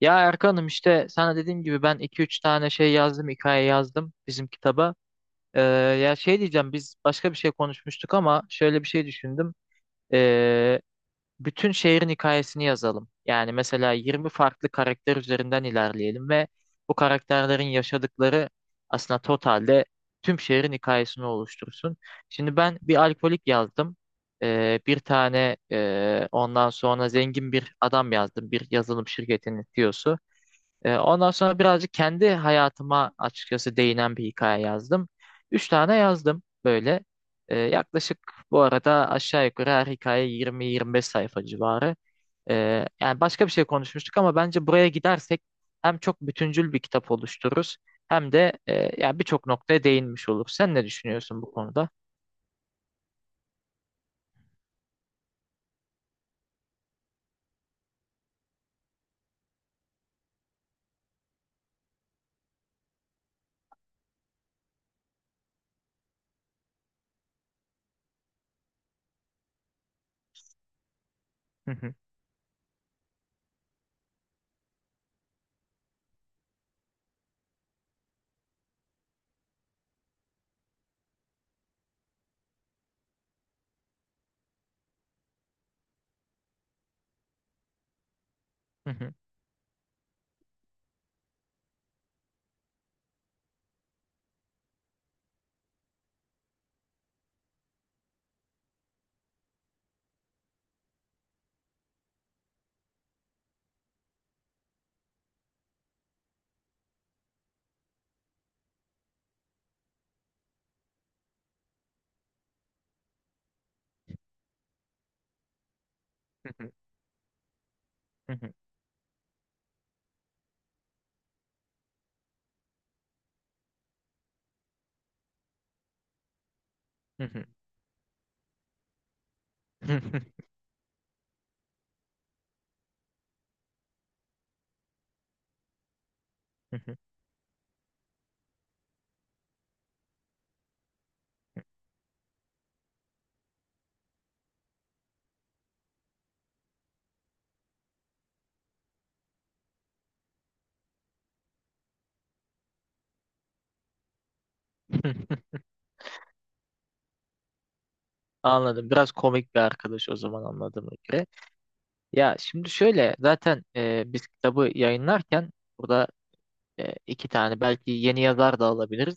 Ya Erkan'ım işte sana dediğim gibi ben iki üç tane şey yazdım, hikaye yazdım bizim kitaba. Ee, ya şey diyeceğim biz başka bir şey konuşmuştuk ama şöyle bir şey düşündüm. Ee, bütün şehrin hikayesini yazalım. Yani mesela 20 farklı karakter üzerinden ilerleyelim ve bu karakterlerin yaşadıkları aslında totalde tüm şehrin hikayesini oluştursun. Şimdi ben bir alkolik yazdım. Bir tane ondan sonra zengin bir adam yazdım. Bir yazılım şirketinin CEO'su. Ondan sonra birazcık kendi hayatıma açıkçası değinen bir hikaye yazdım. Üç tane yazdım böyle. Yaklaşık bu arada aşağı yukarı her hikaye 20-25 sayfa civarı. Yani başka bir şey konuşmuştuk ama bence buraya gidersek hem çok bütüncül bir kitap oluştururuz hem de yani birçok noktaya değinmiş oluruz. Sen ne düşünüyorsun bu konuda? Hı hı, hı hı, hı hı, hı hı, hı hı, hı hı, hı hı. Anladım. Biraz komik bir arkadaş o zaman anladığıma göre. Ya şimdi şöyle zaten biz kitabı yayınlarken burada iki tane belki yeni yazar da alabiliriz.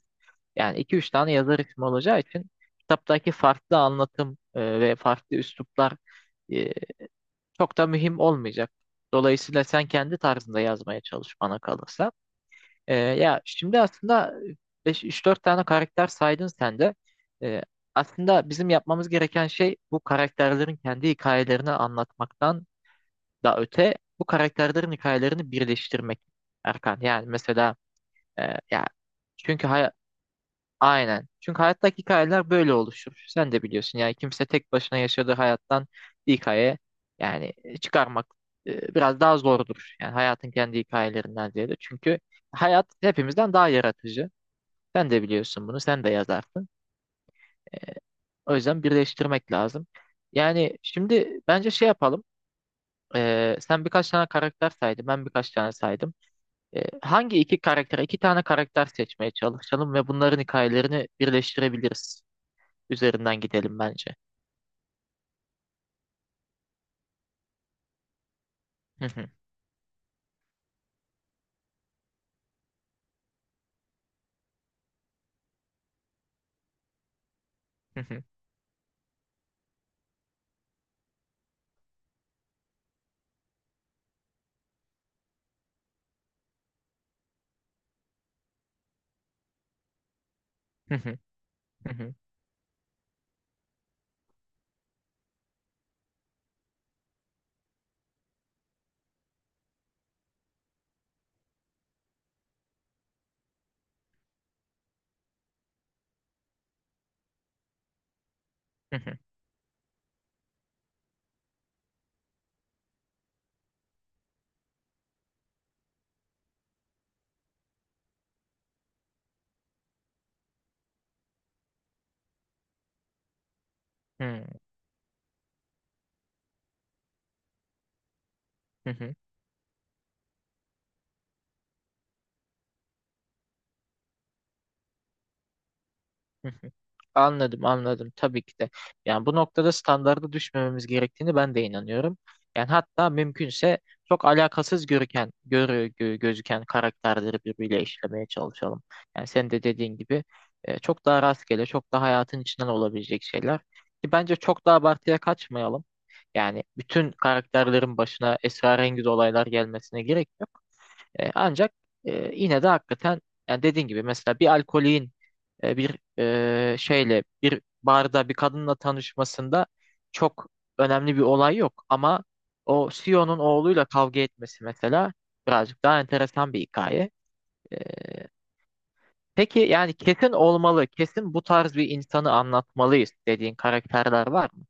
Yani iki üç tane yazar ismi olacağı için kitaptaki farklı anlatım ve farklı üsluplar e, çok da mühim olmayacak. Dolayısıyla sen kendi tarzında yazmaya çalış bana kalırsa. Ya şimdi aslında üç dört tane karakter saydın sen de. E, aslında bizim yapmamız gereken şey bu karakterlerin kendi hikayelerini anlatmaktan da öte bu karakterlerin hikayelerini birleştirmek Erkan. Yani mesela e, ya çünkü hay aynen. Çünkü hayattaki hikayeler böyle oluşur. Sen de biliyorsun yani kimse tek başına yaşadığı hayattan bir hikaye yani çıkarmak biraz daha zordur. Yani hayatın kendi hikayelerinden ziyade. Çünkü hayat hepimizden daha yaratıcı. Sen de biliyorsun bunu. Sen de yazarsın. O yüzden birleştirmek lazım. Yani şimdi bence şey yapalım. Sen birkaç tane karakter saydın. Ben birkaç tane saydım. Hangi iki karakter, iki tane karakter seçmeye çalışalım ve bunların hikayelerini birleştirebiliriz. Üzerinden gidelim bence. Hı hı. Anladım, anladım. Tabii ki de. Yani bu noktada standarda düşmememiz gerektiğini ben de inanıyorum. Yani hatta mümkünse çok alakasız gözüken karakterleri birbiriyle işlemeye çalışalım. Yani sen de dediğin gibi çok daha rastgele, çok daha hayatın içinden olabilecek şeyler. Ki bence çok da abartıya kaçmayalım. Yani bütün karakterlerin başına esrarengiz olaylar gelmesine gerek yok. Ancak yine de hakikaten yani dediğin gibi mesela bir alkolin bir şeyle bir barda bir kadınla tanışmasında çok önemli bir olay yok ama o CEO'nun oğluyla kavga etmesi mesela birazcık daha enteresan bir hikaye. E, peki yani kesin olmalı, kesin bu tarz bir insanı anlatmalıyız dediğin karakterler var mı?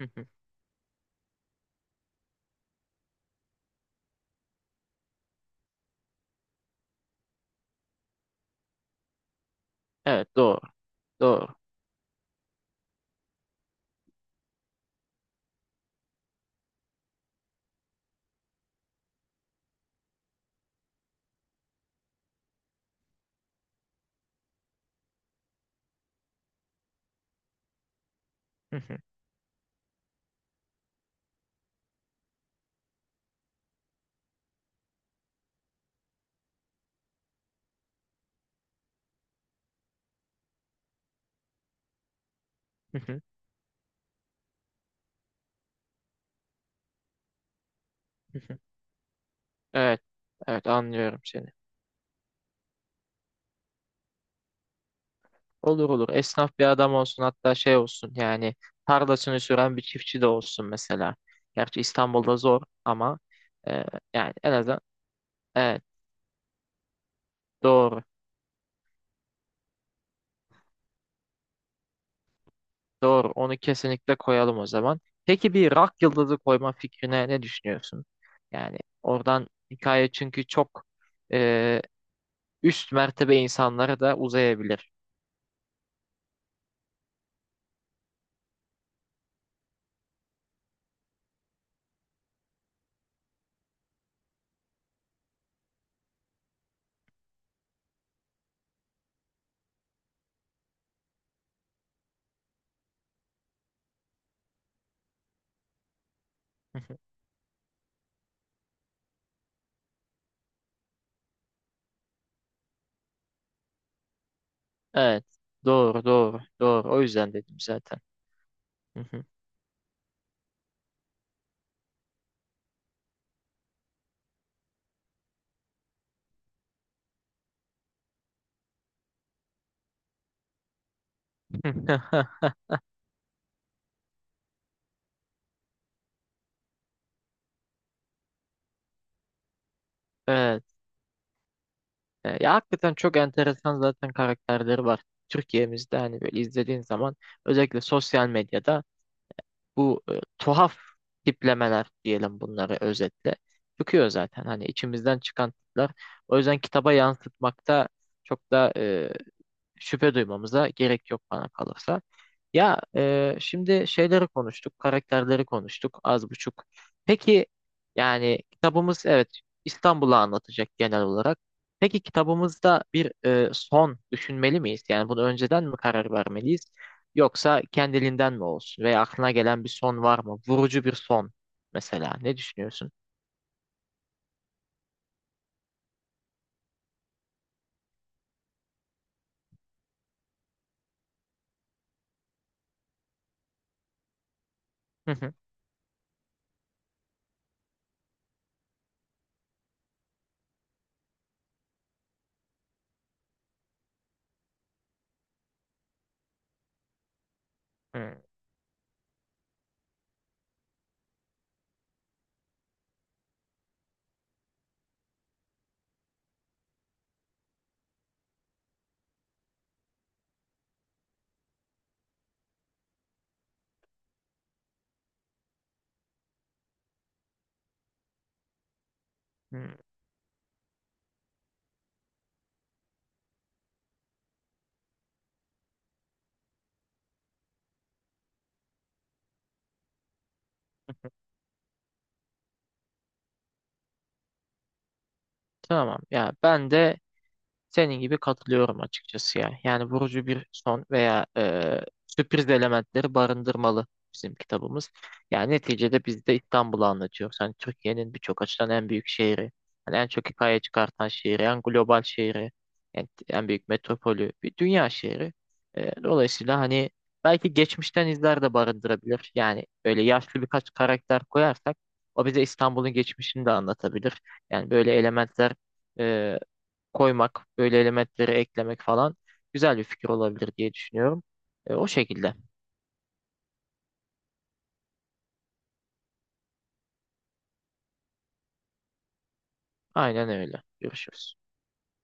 Evet, doğru. Doğru. Hı hı, hı hı, hı hı. Evet. Evet anlıyorum seni. Olur olur. Esnaf bir adam olsun hatta şey olsun yani tarlasını süren bir çiftçi de olsun mesela. Gerçi İstanbul'da zor ama e, yani en azından evet doğru. Doğru. Onu kesinlikle koyalım o zaman. Peki bir rock yıldızı koyma fikrine ne düşünüyorsun? Yani oradan hikaye çünkü çok e, üst mertebe insanlara da uzayabilir. Hı hı. Evet. Doğru, doğru, doğru. O yüzden dedim zaten. Hı hı. Evet. Ya hakikaten çok enteresan zaten karakterleri var. Türkiye'mizde hani böyle izlediğin zaman özellikle sosyal medyada bu tuhaf tiplemeler diyelim bunları özetle çıkıyor zaten hani içimizden çıkan tipler. O yüzden kitaba yansıtmakta çok da şüphe duymamıza gerek yok bana kalırsa. Ya şimdi şeyleri konuştuk, karakterleri konuştuk az buçuk. Peki yani kitabımız evet İstanbul'u anlatacak genel olarak. Peki kitabımızda bir son düşünmeli miyiz? Yani bunu önceden mi karar vermeliyiz? Yoksa kendiliğinden mi olsun? Veya aklına gelen bir son var mı? Vurucu bir son mesela. Ne düşünüyorsun? Hı hı. Hı hı. Tamam. Ya ben de senin gibi katılıyorum açıkçası ya. Yani vurucu bir son veya sürpriz elementleri barındırmalı bizim kitabımız. Yani neticede biz de İstanbul'u anlatıyoruz. Hani Türkiye'nin birçok açıdan en büyük şehri, hani en çok hikaye çıkartan şehri, en global şehri, en büyük metropolü, bir dünya şehri. Dolayısıyla hani belki geçmişten izler de barındırabilir. Yani öyle yaşlı birkaç karakter koyarsak o bize İstanbul'un geçmişini de anlatabilir. Yani böyle elementler e, koymak, böyle elementleri eklemek falan güzel bir fikir olabilir diye düşünüyorum. O şekilde. Aynen öyle. Görüşürüz.